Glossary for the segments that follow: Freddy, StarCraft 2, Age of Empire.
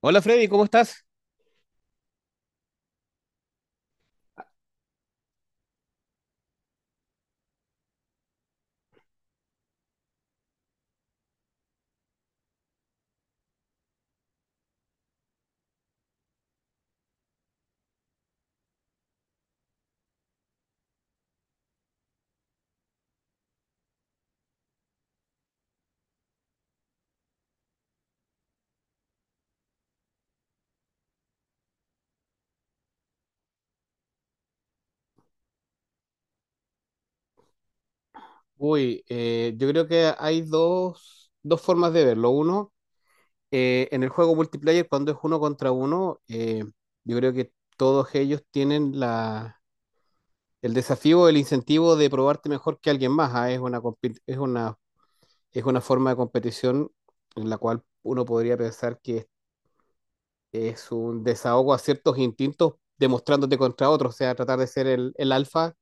Hola Freddy, ¿cómo estás? Uy, yo creo que hay dos formas de verlo. Uno, en el juego multiplayer, cuando es uno contra uno, yo creo que todos ellos tienen el desafío, el incentivo de probarte mejor que alguien más. Es una, es una forma de competición en la cual uno podría pensar que es un desahogo a ciertos instintos demostrándote contra otros, o sea, tratar de ser el alfa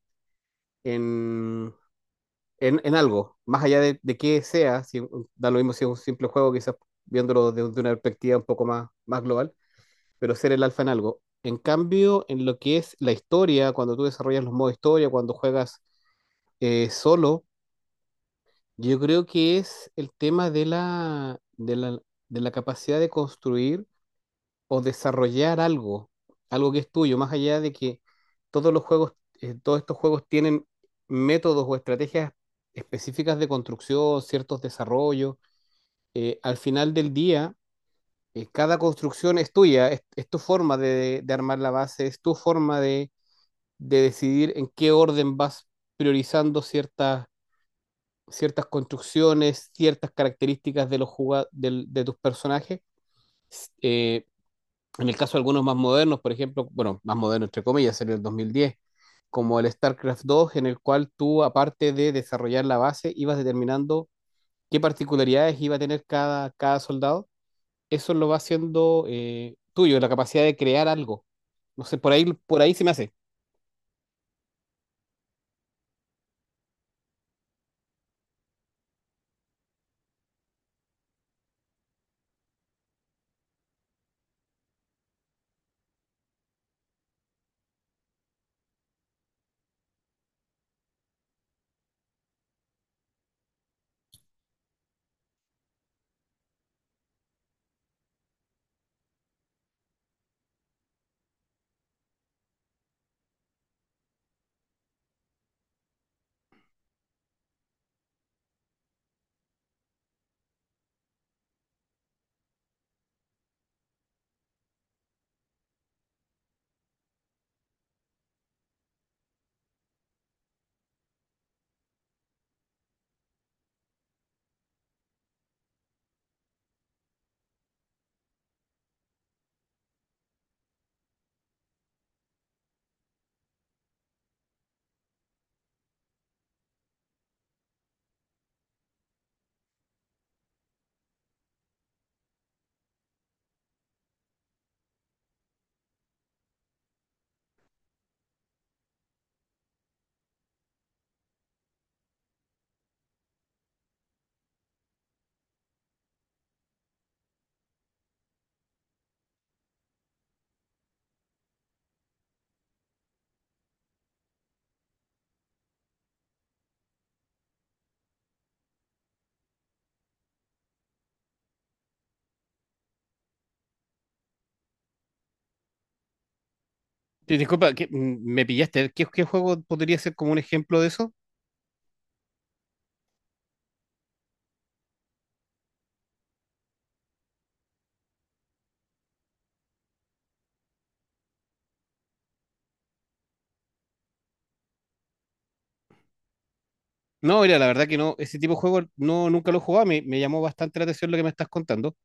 en algo, más allá de qué sea, si, da lo mismo si es un simple juego, quizás viéndolo desde una perspectiva un poco más, más global, pero ser el alfa en algo. En cambio, en lo que es la historia, cuando tú desarrollas los modos historia, cuando juegas solo, yo creo que es el tema de de la capacidad de construir o desarrollar algo, algo que es tuyo, más allá de que todos los juegos, todos estos juegos tienen métodos o estrategias específicas de construcción, ciertos desarrollos. Al final del día, cada construcción es tuya, es tu forma de armar la base, es tu forma de decidir en qué orden vas priorizando ciertas construcciones, ciertas características de los de tus personajes. Eh, En el caso de algunos más modernos, por ejemplo, bueno, más modernos entre comillas, sería el 2010, como el StarCraft 2, en el cual tú, aparte de desarrollar la base, ibas determinando qué particularidades iba a tener cada soldado. Eso lo va haciendo tuyo, la capacidad de crear algo. No sé, por ahí se me hace. Sí, disculpa, me pillaste. ¿ qué juego podría ser como un ejemplo de eso? No, mira, la verdad que no, ese tipo de juego no, nunca lo he jugado. Me llamó bastante la atención lo que me estás contando.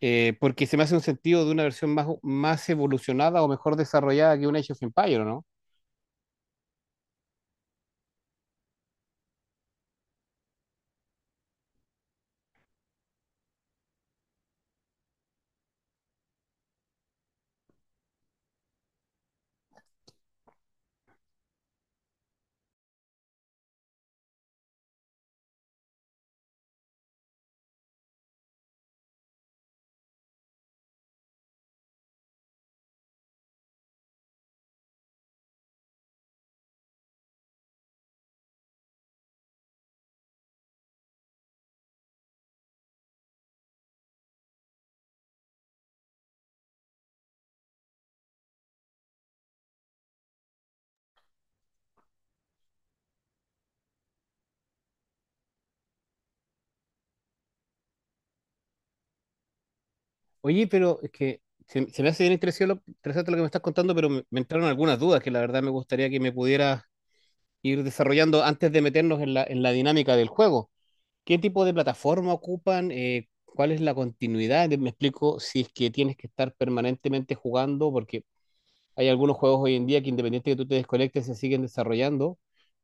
Porque se me hace un sentido de una versión más, más evolucionada o mejor desarrollada que un Age of Empire, ¿no? Oye, pero es que se me hace bien interesante lo que me estás contando, pero me entraron algunas dudas que la verdad me gustaría que me pudieras ir desarrollando antes de meternos en en la dinámica del juego. ¿Qué tipo de plataforma ocupan? ¿Cuál es la continuidad? Me explico si es que tienes que estar permanentemente jugando, porque hay algunos juegos hoy en día que independiente de que tú te desconectes, se siguen desarrollando.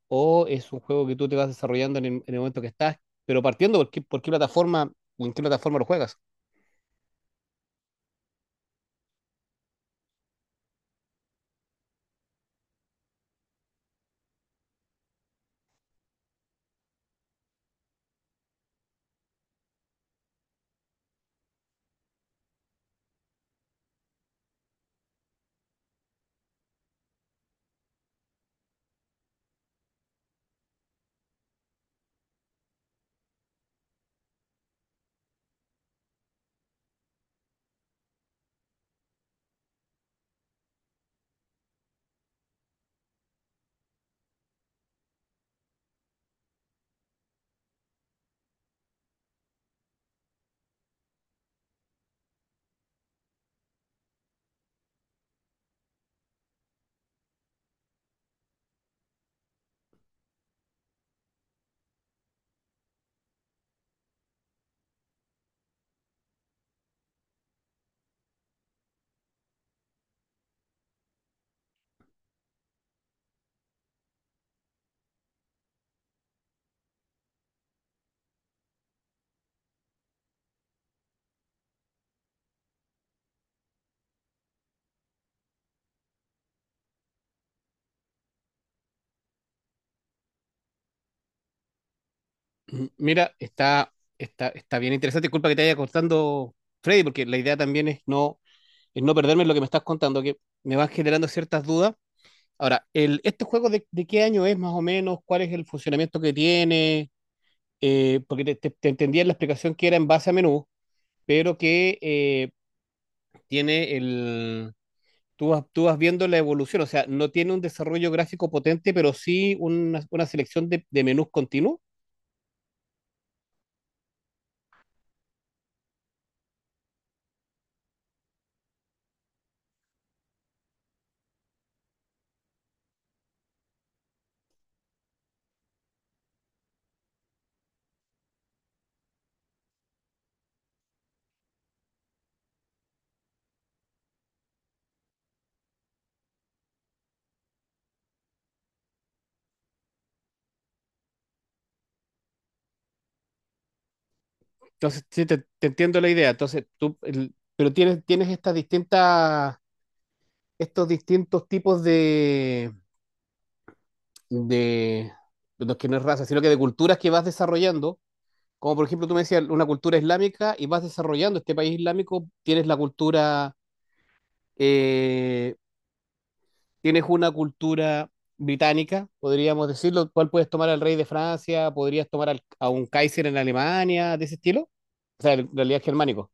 O es un juego que tú te vas desarrollando en en el momento que estás, pero partiendo por por qué plataforma o en qué plataforma lo juegas. Mira, está bien interesante. Disculpa que te haya cortando Freddy, porque la idea también es es no perderme en lo que me estás contando, que me van generando ciertas dudas. Ahora, ¿este juego de qué año es más o menos? ¿Cuál es el funcionamiento que tiene? Porque te entendía la explicación que era en base a menú, pero que tiene el tú vas viendo la evolución, o sea, no tiene un desarrollo gráfico potente, pero sí una selección de menús continuos. Entonces, sí, te entiendo la idea. Entonces, tú, pero tienes, tienes estas distintas, estos distintos tipos de, de los que no es raza, sino que de culturas que vas desarrollando. Como por ejemplo, tú me decías una cultura islámica y vas desarrollando este país islámico, tienes la cultura eh, tienes una cultura británica, podríamos decirlo, cuál puedes tomar al rey de Francia, podrías tomar a un Kaiser en Alemania, de ese estilo. O sea, en realidad es germánico.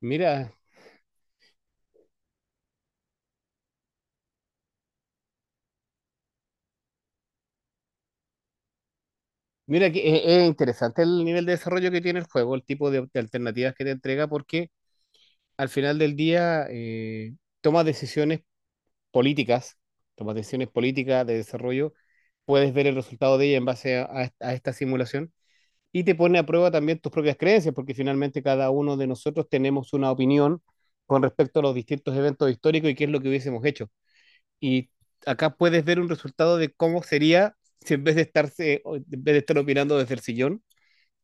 Mira, mira que es interesante el nivel de desarrollo que tiene el juego, el tipo de alternativas que te entrega, porque al final del día tomas decisiones políticas, tomas decisiones políticas de desarrollo, puedes ver el resultado de ella en base a esta a esta simulación y te pone a prueba también tus propias creencias, porque finalmente cada uno de nosotros tenemos una opinión con respecto a los distintos eventos históricos y qué es lo que hubiésemos hecho. Y acá puedes ver un resultado de cómo sería si en vez de o en vez de estar opinando desde el sillón,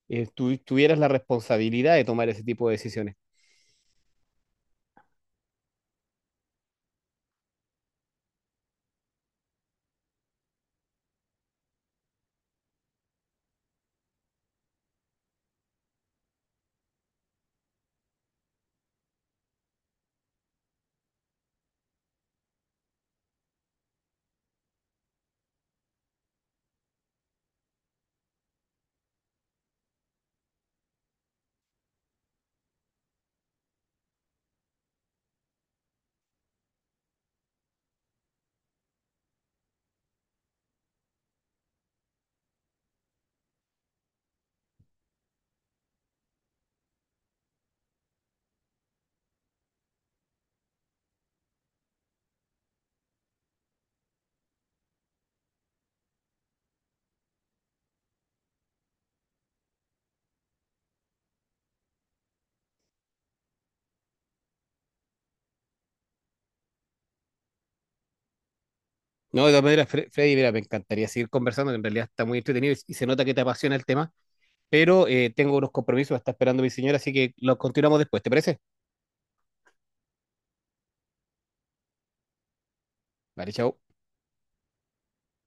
tú tuvieras la responsabilidad de tomar ese tipo de decisiones. No, de todas maneras, Freddy, mira, me encantaría seguir conversando, que en realidad está muy entretenido y se nota que te apasiona el tema, pero tengo unos compromisos, me está esperando mi señora, así que los continuamos después, ¿te parece? Vale, chao.